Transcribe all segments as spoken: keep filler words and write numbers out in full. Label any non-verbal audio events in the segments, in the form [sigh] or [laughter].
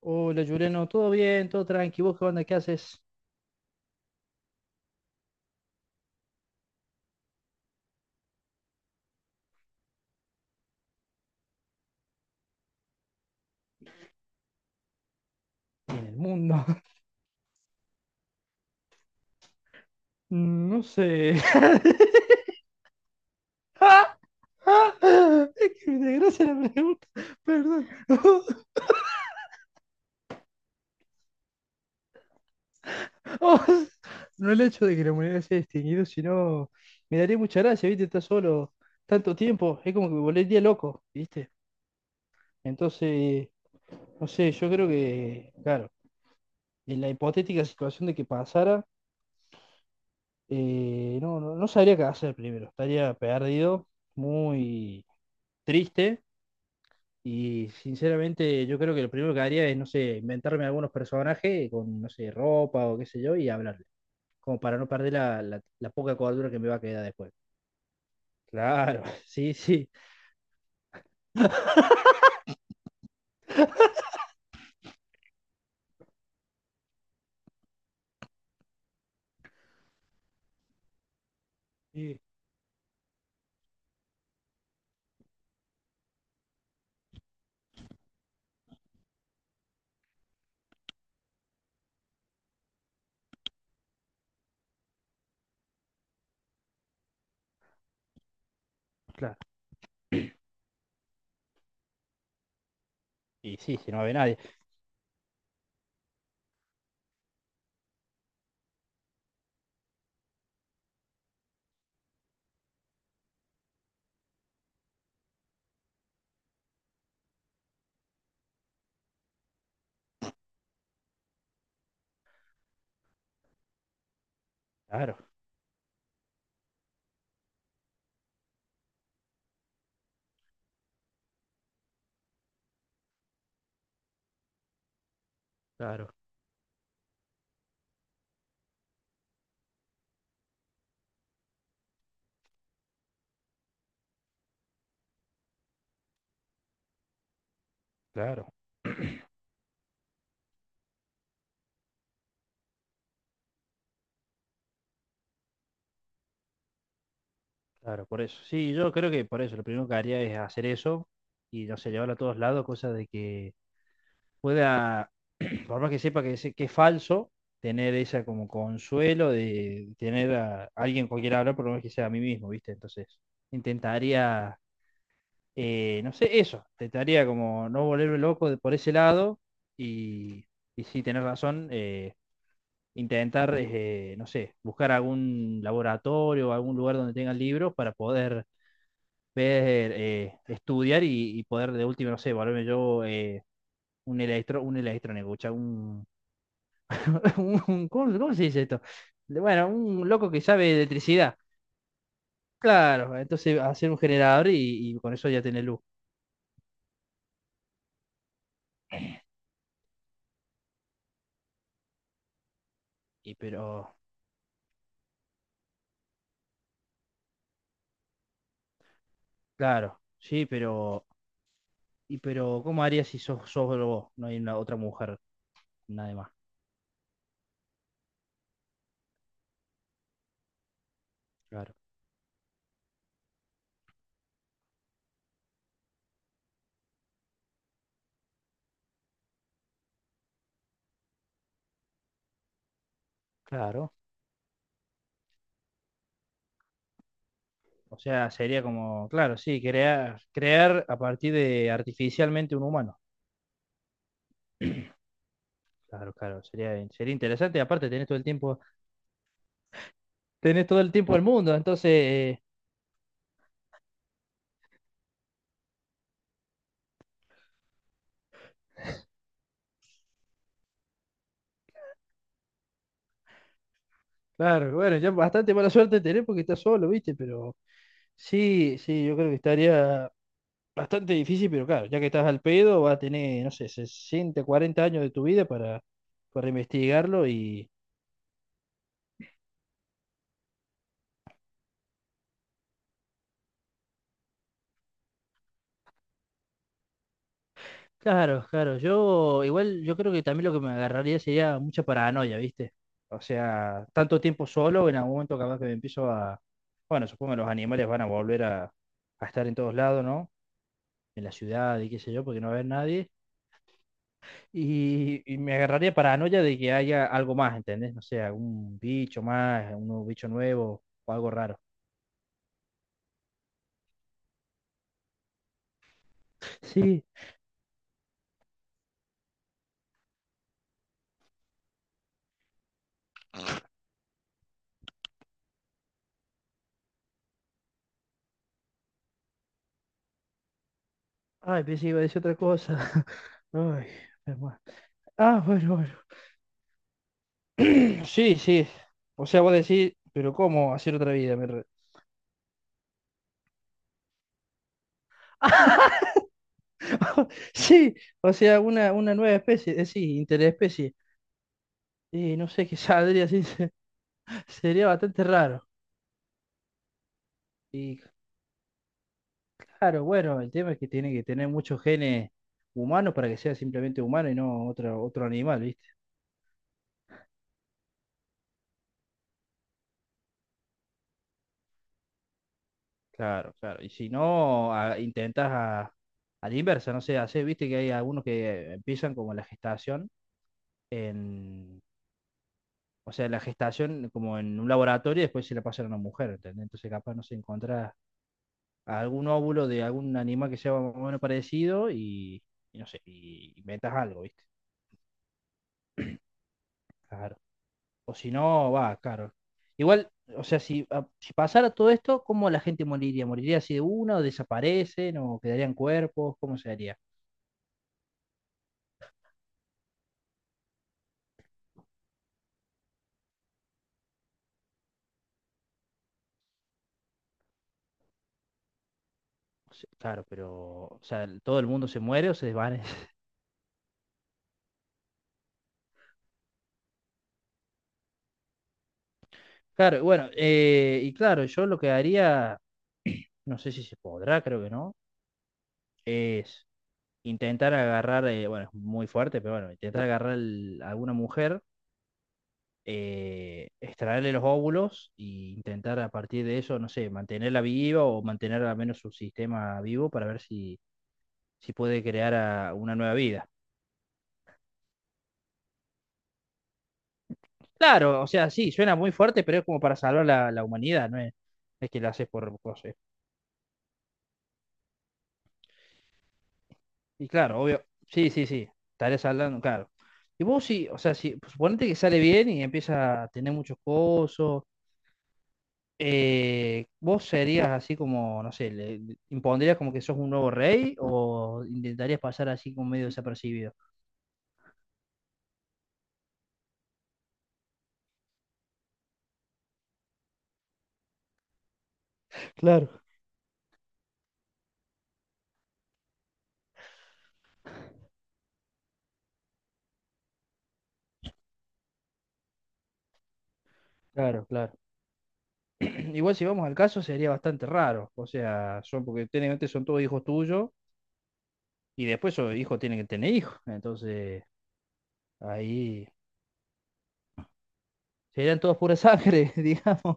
Hola, Juliano, ¿todo bien? ¿Todo tranqui? ¿Vos qué onda? ¿Qué haces en el mundo? [laughs] No sé. [laughs] Es que me desgracia la pregunta. Perdón. [laughs] Oh, no el hecho de que la humanidad se haya extinguido, sino me daría mucha gracia, ¿viste? Estar solo tanto tiempo. Es como que me volvería loco, ¿viste? Entonces, no sé, yo creo que, claro, en la hipotética situación de que pasara, eh, no, no, no sabría qué hacer primero. Estaría perdido, muy triste y sinceramente yo creo que lo primero que haría es, no sé, inventarme algunos personajes con, no sé, ropa o qué sé yo y hablarle, como para no perder la, la, la poca cordura que me va a quedar después. Claro, [laughs] sí, sí, sí, claro. Y sí, si no ve nadie. Claro, claro, claro, claro, por eso. Sí, yo creo que por eso, lo primero que haría es hacer eso y, no sé, llevarlo a todos lados, cosa de que pueda por más que sepa que, se- que es falso, tener esa como consuelo de tener a alguien con quien hablar, por lo menos que sea a mí mismo, ¿viste? Entonces, intentaría, eh, no sé, eso, intentaría como no volverme loco de- por ese lado y, y sí, tener razón, eh, intentar, eh, no sé, buscar algún laboratorio o algún lugar donde tengan libros para poder ver, eh, estudiar y, y poder de última, no sé, volverme yo eh, un electro, un electrónico, un [laughs] un- ¿cómo, cómo se dice esto? De- Bueno, un loco que sabe de electricidad. Claro, entonces hacer un generador y, y con eso ya tenés luz. Y pero, claro, sí, pero, y pero, ¿cómo harías si sos, solo vos? No hay una otra mujer, nadie más. Claro, claro. O sea, sería como, claro, sí, crear, crear a partir de artificialmente un humano. Claro, claro, sería, sería interesante. Aparte, tenés todo el tiempo, tenés todo el tiempo del mundo, entonces eh. Claro, bueno, ya bastante mala suerte tenés porque estás solo, ¿viste? Pero sí, sí, yo creo que estaría bastante difícil, pero claro, ya que estás al pedo, vas a tener, no sé, sesenta, cuarenta años de tu vida para, para investigarlo y... Claro, claro. Yo igual yo creo que también lo que me agarraría sería mucha paranoia, ¿viste? O sea, tanto tiempo solo, en algún momento capaz que me empiezo a... Bueno, supongo que los animales van a volver a, a estar en todos lados, ¿no? En la ciudad y qué sé yo, porque no va a haber nadie. Y, y me agarraría paranoia de que haya algo más, ¿entendés? No sé, algún bicho más, un nuevo bicho nuevo o algo raro. Sí, ay, pensé que iba a decir otra cosa. [laughs] Ay, hermano. Ah, bueno, bueno. [clears throat] Sí, sí. O sea, vos decís, pero ¿cómo hacer otra vida? Me re- [laughs] Sí, o sea, una, una nueva especie, eh, sí, interespecie. Y no sé qué saldría así, [laughs] sería bastante raro. Y claro, bueno, el tema es que tiene que tener muchos genes humanos para que sea simplemente humano y no otro, otro animal, ¿viste? Claro, claro. Y si no, a- intentas a, a la inversa, no sé, hacer, viste que hay algunos que empiezan como la gestación en, o sea, la gestación como en un laboratorio y después se la pasan a una mujer, ¿entendés? Entonces capaz no se encuentra algún óvulo de algún animal que sea más o menos parecido y, y no sé, y inventas algo, ¿viste? Claro. O si no, va, claro. Igual, o sea, si, a- si pasara todo esto, ¿cómo la gente moriría? ¿Moriría así de una o desaparecen o quedarían cuerpos? ¿Cómo se haría? O sea, claro, pero, o sea, el- todo el mundo se muere o se desvanece. [laughs] Claro, bueno, eh, y claro, yo lo que haría, no sé si se podrá, creo que no, es intentar agarrar, eh, bueno, es muy fuerte, pero bueno, intentar agarrar el- a alguna mujer eh, extraerle los óvulos e intentar a partir de eso, no sé, mantenerla viva o mantener al menos su sistema vivo para ver si, si puede crear a una nueva vida. Claro, o sea, sí, suena muy fuerte, pero es como para salvar la, la humanidad, no es, no es que lo haces por cosas. Y claro, obvio, sí, sí, sí, estaré saldando, claro. Y vos sí, o sea, si suponete que sale bien y empieza a tener muchos cosos, eh, ¿vos serías así como, no sé, le, le- impondrías como que sos un nuevo rey o intentarías pasar así como medio desapercibido? Claro. Claro, claro. [clears throat] Igual si vamos al caso sería bastante raro, o sea, son porque técnicamente son todos hijos tuyos y después esos hijos tienen que tener hijos, entonces ahí serían todos pura sangre, [laughs] digamos.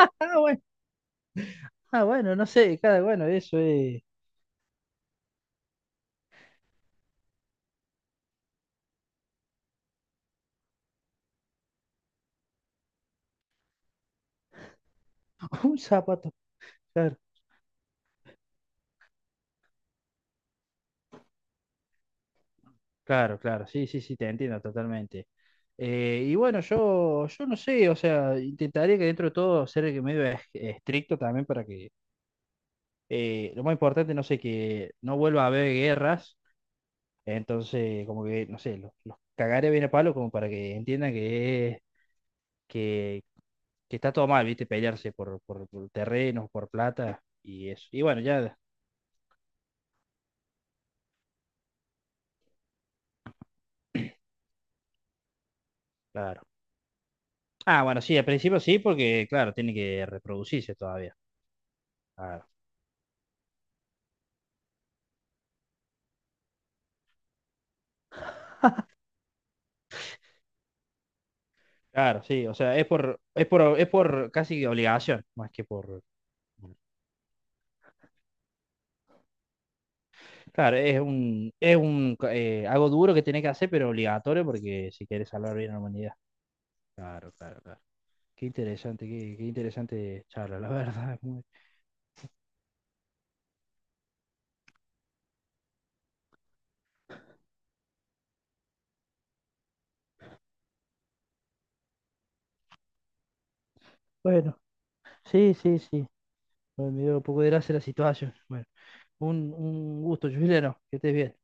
Ah, bueno, ah, bueno, no sé, cada bueno, eso es [laughs] un zapato. Claro. Claro, claro, sí, sí, sí, te entiendo totalmente. Eh, y bueno, yo, yo no sé, o sea, intentaría que dentro de todo ser medio es- estricto también para que eh, lo más importante, no sé, que no vuelva a haber guerras, entonces como que, no sé, los, los cagaré bien a palo como para que entiendan que, es- que, que está todo mal, ¿viste? Pelearse por, por, por terrenos, por plata y eso. Y bueno, ya, claro. Ah, bueno, sí, al principio sí, porque claro, tiene que reproducirse todavía. Claro. Claro, sí, o sea, es por, es por, es por casi obligación, más que por... Claro, es un, es un eh, algo duro que tenés que hacer, pero obligatorio porque si quieres salvar bien a la humanidad. Claro, claro, claro. Qué interesante, qué, qué interesante charla, la [laughs] verdad. Es muy- Bueno, sí, sí, sí. Bueno, me dio un poco de gracia la situación. Bueno, un, un gusto, Juliano, que estés bien.